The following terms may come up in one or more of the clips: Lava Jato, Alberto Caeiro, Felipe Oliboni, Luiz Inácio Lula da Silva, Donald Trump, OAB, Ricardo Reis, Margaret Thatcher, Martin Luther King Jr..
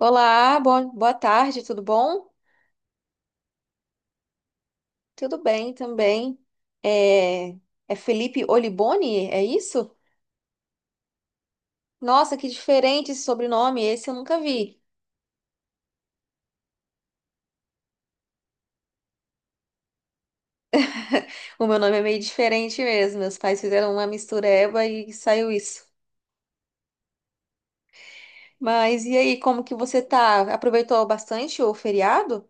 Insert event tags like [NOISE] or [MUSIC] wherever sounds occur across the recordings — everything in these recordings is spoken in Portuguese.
Olá, bom, boa tarde, tudo bom? Tudo bem também. É, é Felipe Oliboni, é isso? Nossa, que diferente esse sobrenome, esse eu nunca vi. [LAUGHS] O meu nome é meio diferente mesmo, meus pais fizeram uma mistureba e saiu isso. Mas e aí, como que você tá? Aproveitou bastante o feriado?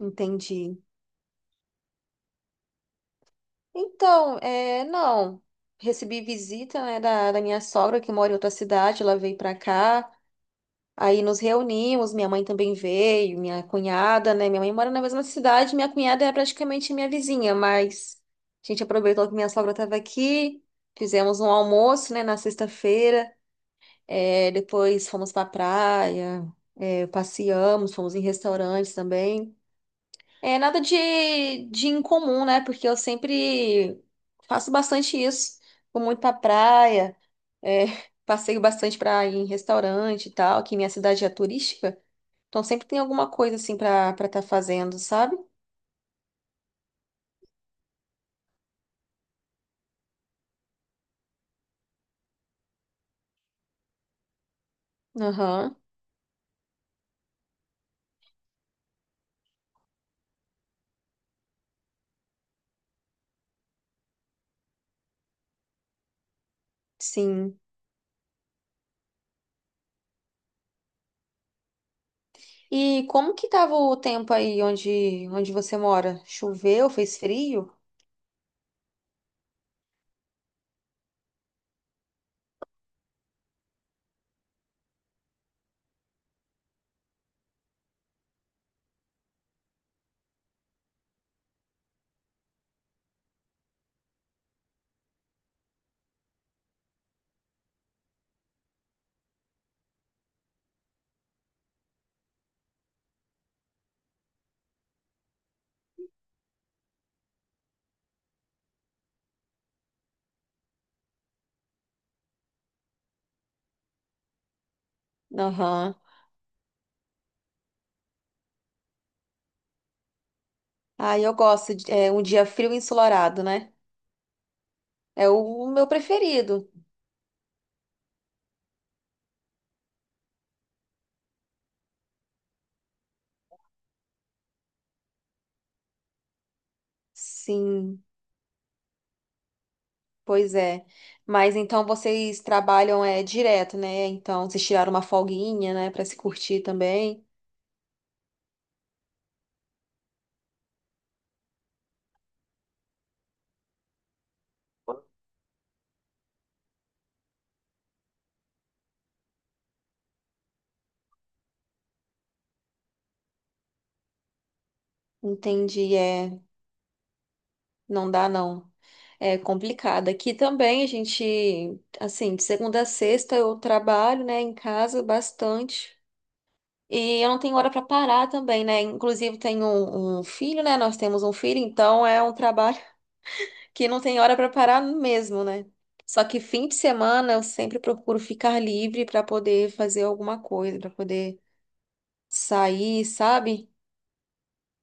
Entendi. Então, é, não, recebi visita, né, da minha sogra que mora em outra cidade, ela veio pra cá. Aí nos reunimos, minha mãe também veio, minha cunhada, né? Minha mãe mora na mesma cidade, minha cunhada é praticamente minha vizinha, mas a gente aproveitou que minha sogra estava aqui, fizemos um almoço, né, na sexta-feira, é, depois fomos para praia, é, passeamos, fomos em restaurantes também. É nada de incomum, né? Porque eu sempre faço bastante isso, vou muito para praia, é, [LAUGHS] passeio bastante para ir em restaurante e tal, que minha cidade é turística. Então sempre tem alguma coisa assim pra para estar fazendo, sabe? Aham, sim. E como que tava o tempo aí onde você mora? Choveu? Fez frio? Aham. Ah, eu gosto de é, um dia frio e ensolarado, né? É o meu preferido. Sim, pois é. Mas então vocês trabalham é direto, né? Então vocês tiraram uma folguinha, né, pra se curtir também. Entendi, é, não dá não. É complicado. Aqui também a gente, assim, de segunda a sexta eu trabalho, né, em casa bastante. E eu não tenho hora para parar também, né? Inclusive tenho um filho, né? Nós temos um filho, então é um trabalho [LAUGHS] que não tem hora para parar mesmo, né? Só que fim de semana eu sempre procuro ficar livre para poder fazer alguma coisa, para poder sair, sabe?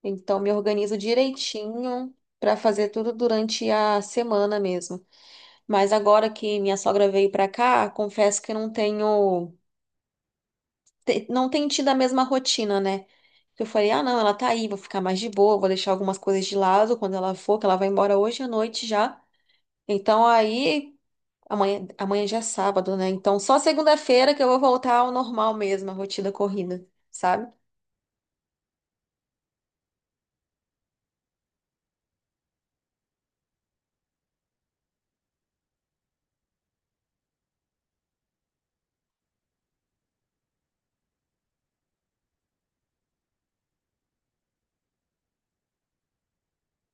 Então me organizo direitinho para fazer tudo durante a semana mesmo. Mas agora que minha sogra veio pra cá, confesso que eu não tenho, não tenho tido a mesma rotina, né? Eu falei, ah, não, ela tá aí, vou ficar mais de boa, vou deixar algumas coisas de lado quando ela for, que ela vai embora hoje à noite já. Então aí, amanhã já é sábado, né? Então só segunda-feira que eu vou voltar ao normal mesmo, a rotina corrida, sabe?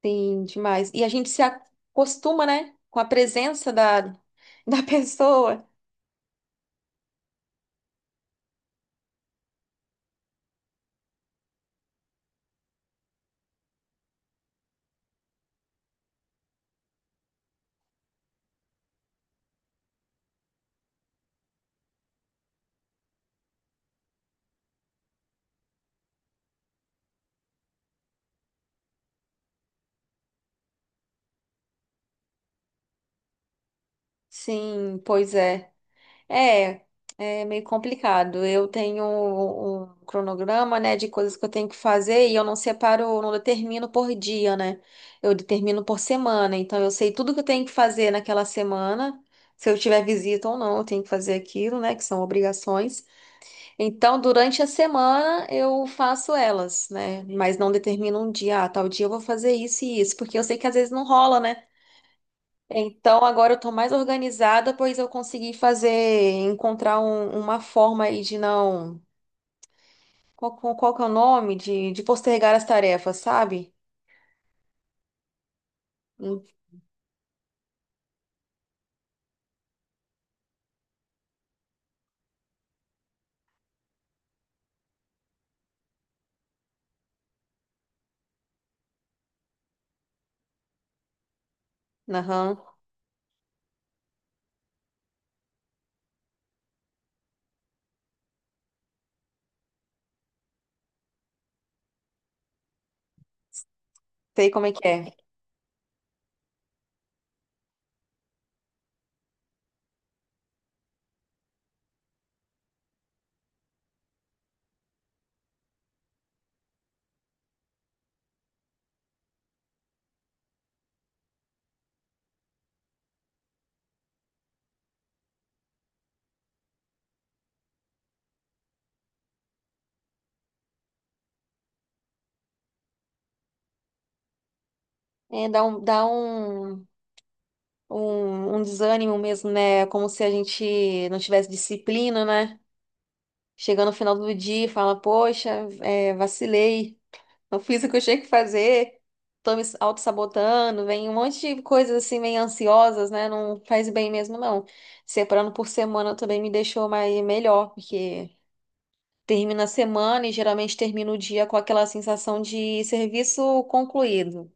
Sim, demais. E a gente se acostuma, né? Com a presença da, [LAUGHS] da pessoa. Sim, pois é. É, é meio complicado. Eu tenho um cronograma, né, de coisas que eu tenho que fazer e eu não separo, eu não determino por dia, né? Eu determino por semana. Então eu sei tudo que eu tenho que fazer naquela semana. Se eu tiver visita ou não, eu tenho que fazer aquilo, né, que são obrigações. Então, durante a semana eu faço elas, né? Mas não determino um dia, ah, tal dia eu vou fazer isso e isso, porque eu sei que às vezes não rola, né? Então agora eu tô mais organizada, pois eu consegui fazer, encontrar uma forma aí de não. Qual que é o nome? De postergar as tarefas, sabe? Hum, Aham, sei como é que é. É, um desânimo mesmo, né? É como se a gente não tivesse disciplina, né? Chegando no final do dia e fala, poxa, é, vacilei. Não fiz o que eu tinha que fazer, tô me auto-sabotando, vem um monte de coisas assim, meio ansiosas, né? Não faz bem mesmo, não. Separando por semana também me deixou mais melhor, porque termina a semana e geralmente termina o dia com aquela sensação de serviço concluído,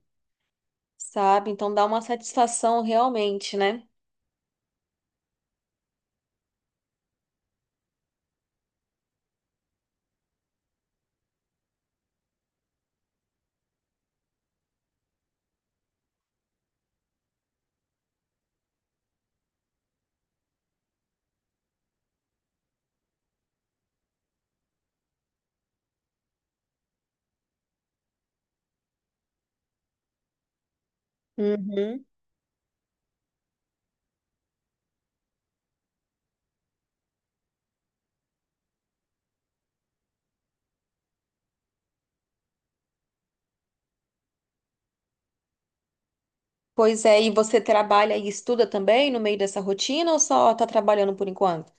sabe? Então dá uma satisfação realmente, né? Uhum. Pois é, e você trabalha e estuda também no meio dessa rotina ou só tá trabalhando por enquanto?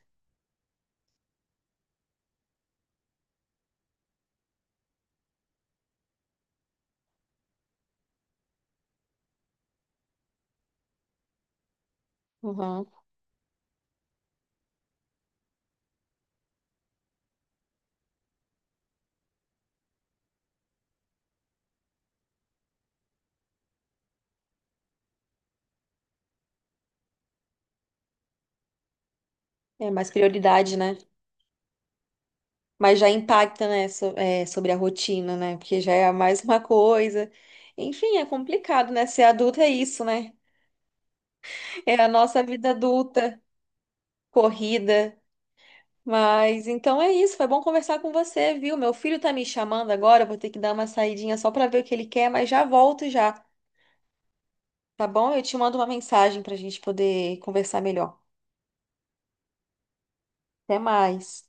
Uhum. É mais prioridade, né? Mas já impacta, né, é, sobre a rotina, né? Porque já é mais uma coisa. Enfim, é complicado, né? Ser adulta é isso, né? [LAUGHS] É a nossa vida adulta, corrida. Mas então é isso. Foi bom conversar com você, viu? Meu filho tá me chamando agora. Eu Vou ter que dar uma saidinha só pra ver o que ele quer, mas já volto já, tá bom? Eu te mando uma mensagem pra gente poder conversar melhor. Até mais.